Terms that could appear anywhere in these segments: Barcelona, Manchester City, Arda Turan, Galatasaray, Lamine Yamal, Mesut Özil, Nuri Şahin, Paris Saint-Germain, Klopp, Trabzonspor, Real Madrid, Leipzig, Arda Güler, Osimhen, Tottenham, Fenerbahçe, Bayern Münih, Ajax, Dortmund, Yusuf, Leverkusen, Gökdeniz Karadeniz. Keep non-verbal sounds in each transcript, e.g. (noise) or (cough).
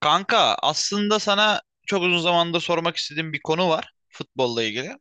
Kanka aslında sana çok uzun zamandır sormak istediğim bir konu var futbolla ilgili.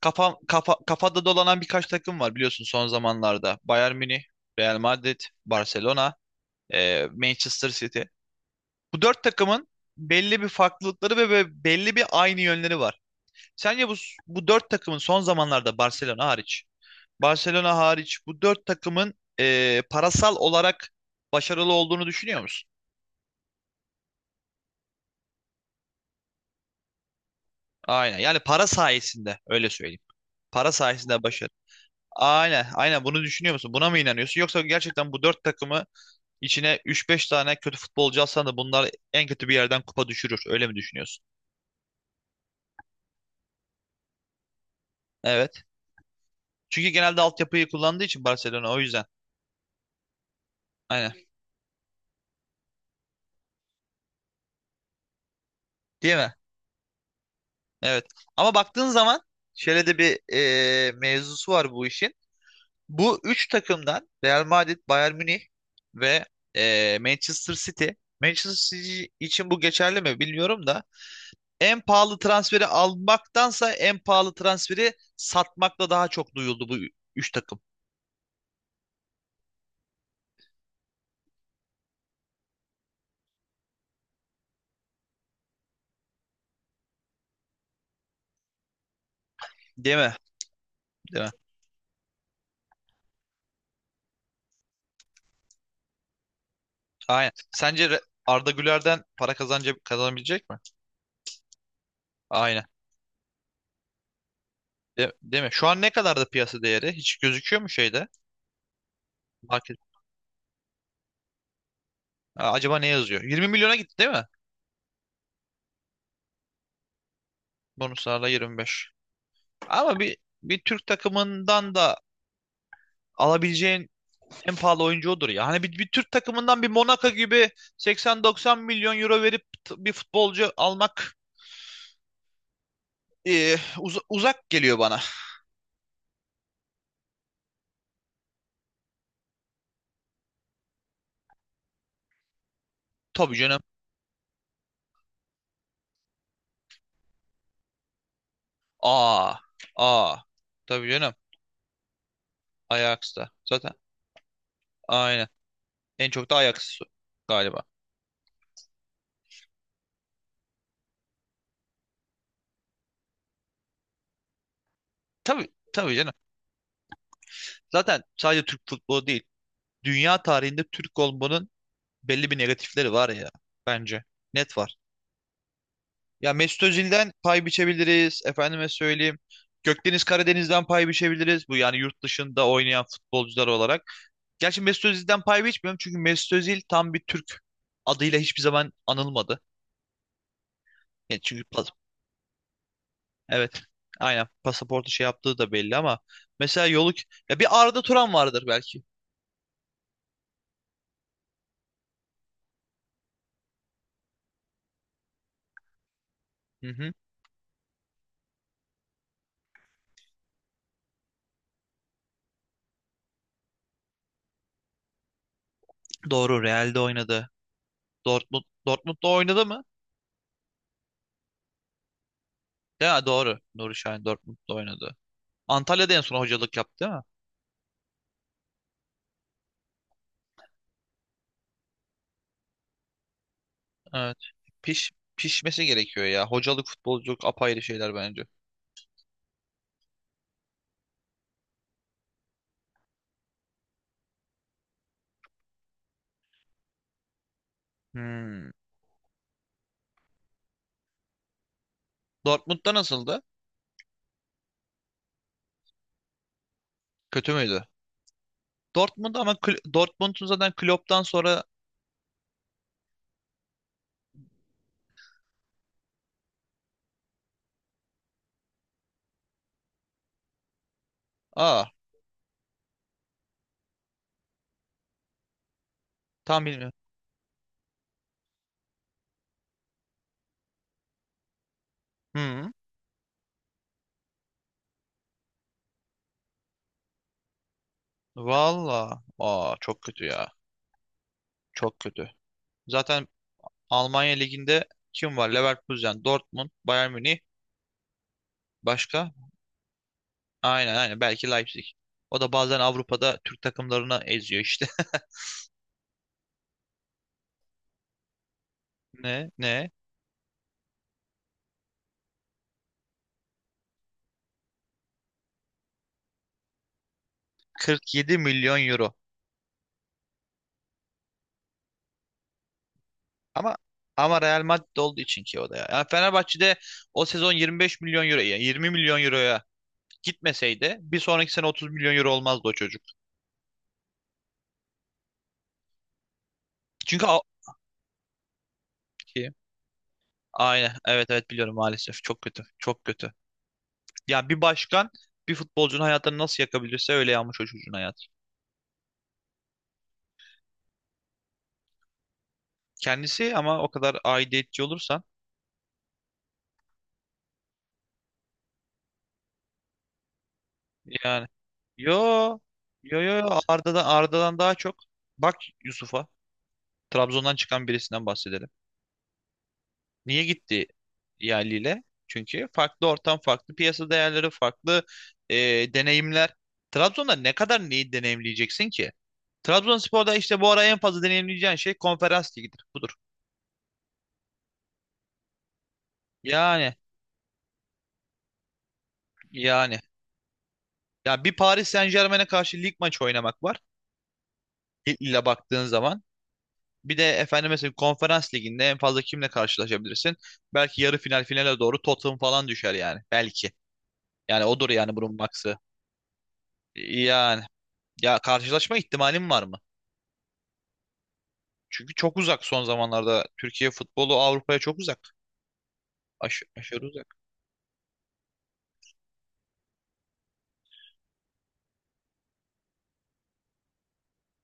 Kafada dolanan birkaç takım var biliyorsun son zamanlarda. Bayern Münih, Real Madrid, Barcelona, Manchester City. Bu dört takımın belli bir farklılıkları ve belli bir aynı yönleri var. Sence bu, Bu dört takımın son zamanlarda Barcelona hariç bu dört takımın parasal olarak başarılı olduğunu düşünüyor musun? Aynen, yani para sayesinde öyle söyleyeyim. Para sayesinde başarı. Aynen, bunu düşünüyor musun? Buna mı inanıyorsun? Yoksa gerçekten bu dört takımı içine üç beş tane kötü futbolcu alsan da bunlar en kötü bir yerden kupa düşürür. Öyle mi düşünüyorsun? Evet. Çünkü genelde altyapıyı kullandığı için Barcelona, o yüzden. Aynen. Değil mi? Evet. Ama baktığın zaman şöyle de bir mevzusu var bu işin. Bu üç takımdan Real Madrid, Bayern Münih ve Manchester City. Manchester City için bu geçerli mi bilmiyorum da en pahalı transferi almaktansa en pahalı transferi satmakla daha çok duyuldu bu üç takım. Değil mi? Değil mi? Aynen. Arda Güler'den para kazanca kazanabilecek mi? Aynen. Değil mi? Şu an ne kadar da piyasa değeri? Hiç gözüküyor mu şeyde? Market. Aa, acaba ne yazıyor? 20 milyona gitti değil mi? Bonuslarla 25. Ama bir Bir Türk takımından da alabileceğin en pahalı oyuncu odur ya. Hani bir Türk takımından bir Monaco gibi 80-90 milyon euro verip bir futbolcu almak uzak geliyor bana. Tabii canım. Aa, aa. Tabii canım. Ajax'ta. Zaten aynen. En çok da Ajax galiba. Tabii, tabii canım. Zaten sadece Türk futbolu değil. Dünya tarihinde Türk olmanın belli bir negatifleri var ya. Bence. Net var. Ya Mesut Özil'den pay biçebiliriz. Efendime söyleyeyim. Gökdeniz Karadeniz'den pay biçebiliriz. Bu, yani yurt dışında oynayan futbolcular olarak. Gerçi Mesut Özil'den pay biçmiyorum. Çünkü Mesut Özil tam bir Türk adıyla hiçbir zaman anılmadı. Yani çünkü pas, evet. Aynen, pasaportu şey yaptığı da belli ama mesela yolu, ya bir Arda Turan vardır belki. Hı hı. Doğru, Real'de oynadı. Dortmund'da oynadı mı? Ya doğru. Nuri Şahin Dortmund'da oynadı. Antalya'da en son hocalık yaptı değil mi? Evet. Piş, Pişmesi gerekiyor ya. Hocalık, futbolculuk apayrı şeyler bence. Hmm. Dortmund'da nasıldı? Kötü müydü? Dortmund'un zaten Klopp'tan sonra aa tam bilmiyorum. Hmm. Valla. Aa, çok kötü ya. Çok kötü. Zaten Almanya Ligi'nde kim var? Leverkusen, Dortmund, Bayern Münih. Başka? Aynen. Belki Leipzig. O da bazen Avrupa'da Türk takımlarını eziyor işte. (laughs) Ne? Ne? 47 milyon euro. Ama ama Real Madrid olduğu için ki o da ya. Yani Fenerbahçe'de o sezon 25 milyon euro, yani 20 milyon euroya gitmeseydi bir sonraki sene 30 milyon euro olmazdı o çocuk. Çünkü a- Ki- aynen, evet, evet biliyorum, maalesef çok kötü, çok kötü. Yani bir başkan bir futbolcunun hayatını nasıl yakabilirse öyle yanmış o çocuğun hayatı. Kendisi ama o kadar aidiyetçi olursan, yani, yo Arda'dan, daha çok bak Yusuf'a, Trabzon'dan çıkan birisinden bahsedelim. Niye gitti yerliyle? Çünkü farklı ortam, farklı piyasa değerleri, farklı e, deneyimler. Trabzon'da ne kadar neyi deneyimleyeceksin ki? Trabzonspor'da işte bu ara en fazla deneyimleyeceğin şey konferans ligidir. Budur. Yani yani Ya bir Paris Saint-Germain'e karşı lig maçı oynamak var, ile baktığın zaman. Bir de efendim mesela konferans liginde en fazla kimle karşılaşabilirsin? Belki yarı final finale doğru Tottenham falan düşer yani. Belki. Yani odur yani bunun maksı. Yani ya karşılaşma ihtimalim var mı? Çünkü çok uzak son zamanlarda. Türkiye futbolu Avrupa'ya çok uzak. Aşırı uzak.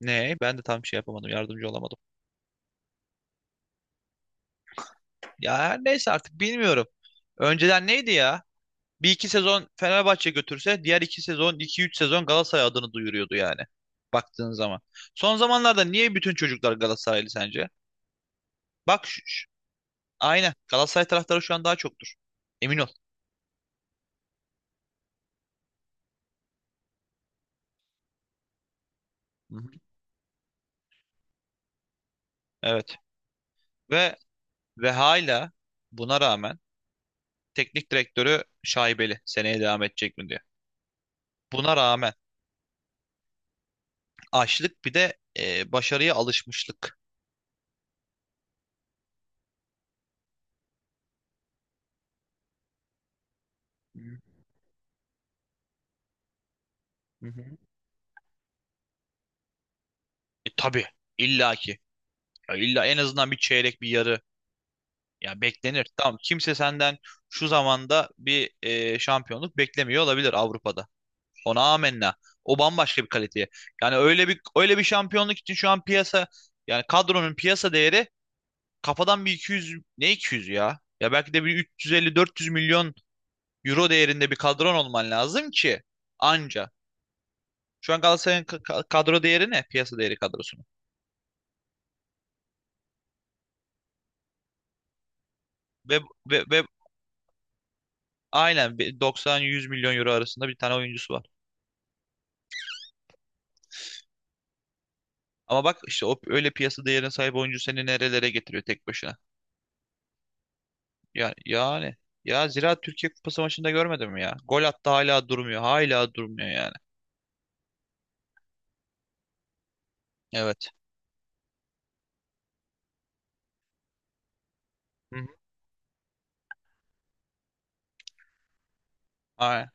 Ne? Ben de tam şey yapamadım. Yardımcı olamadım. Ya her neyse artık bilmiyorum. Önceden neydi ya? Bir iki sezon Fenerbahçe götürse diğer iki sezon, iki üç sezon Galatasaray adını duyuruyordu yani. Baktığın zaman. Son zamanlarda niye bütün çocuklar Galatasaraylı sence? Bak şu, şu- aynen, Galatasaray taraftarı şu an daha çoktur. Emin ol. Hı hı. Evet. Ve ve Hala buna rağmen teknik direktörü şaibeli. Seneye devam edecek mi diye. Buna rağmen açlık, bir de başarıya alışmışlık. Hı hı. E, tabii illaki. Ya illa en azından bir çeyrek bir yarı ya beklenir. Tamam, kimse senden şu zamanda bir şampiyonluk beklemiyor olabilir Avrupa'da. Ona amenna. O bambaşka bir kaliteye. Yani öyle bir şampiyonluk için şu an piyasa, yani kadronun piyasa değeri kafadan bir iki yüz, ne 200 ya? Ya belki de bir üç yüz elli dört yüz milyon euro değerinde bir kadron olman lazım ki anca. Şu an Galatasaray'ın kadro değeri ne? Piyasa değeri kadrosunun. Ve ve aynen bir 90-100 milyon euro arasında bir tane oyuncusu var. Ama bak işte o öyle piyasa değerine sahip oyuncu seni nerelere getiriyor tek başına. Ya yani ya zira Türkiye Kupası maçında görmedim mi ya. Gol attı hala durmuyor. Hala durmuyor yani. Evet. Hı hı. Ay,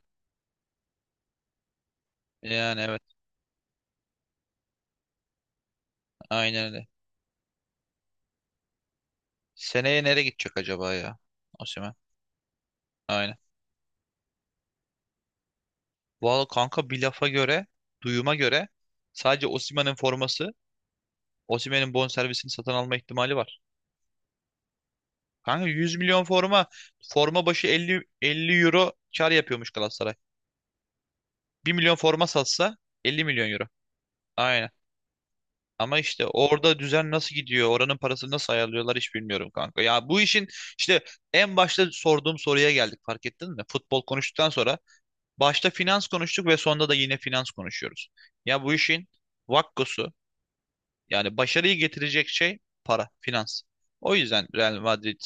yani, evet. Aynen öyle. Seneye nereye gidecek acaba ya? Osimhen. Aynen. Valla kanka, bir lafa göre, duyuma göre, sadece Osimhen'in forması, Osimhen'in bonservisini satın alma ihtimali var. Kanka, forma başı 50 euro kar yapıyormuş Galatasaray. Bir milyon forma satsa 50 milyon euro. Aynen. Ama işte orada düzen nasıl gidiyor, oranın parasını nasıl ayarlıyorlar hiç bilmiyorum kanka. Ya bu işin işte en başta sorduğum soruya geldik, fark ettin mi? Futbol konuştuktan sonra başta finans konuştuk ve sonunda da yine finans konuşuyoruz. Ya bu işin vakkosu, yani başarıyı getirecek şey, para, finans. O yüzden Real Madrid,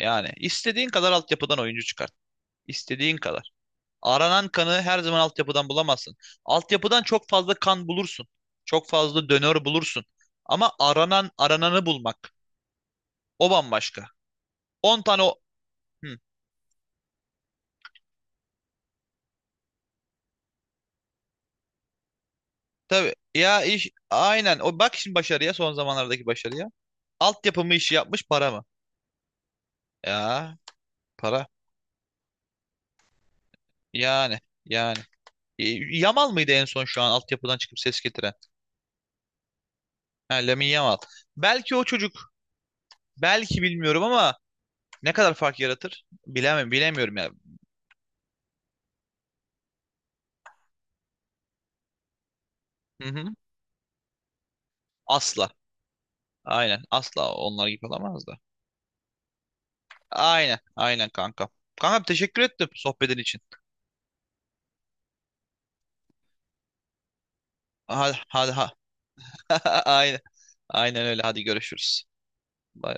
yani istediğin kadar altyapıdan oyuncu çıkart. İstediğin kadar. Aranan kanı her zaman altyapıdan bulamazsın. Altyapıdan çok fazla kan bulursun. Çok fazla donör bulursun. Ama aranan arananı bulmak, o bambaşka. 10 tane o. Hı, tabii ya, iş aynen o, bak şimdi başarıya, son zamanlardaki başarıya. Altyapı mı işi yapmış, para mı? Ya para. Yani yani. E, Yamal mıydı en son şu an altyapıdan çıkıp ses getiren? Ha, Lamine Yamal. Belki o çocuk, belki bilmiyorum ama ne kadar fark yaratır? Bilemem, bilemiyorum ya. Hı hı. Asla. Aynen. Asla onlar gibi olamaz da. Aynen. Aynen kanka. Kanka teşekkür ettim sohbetin için. Hadi hadi ha. (laughs) Aynen. Aynen öyle. Hadi görüşürüz. Bay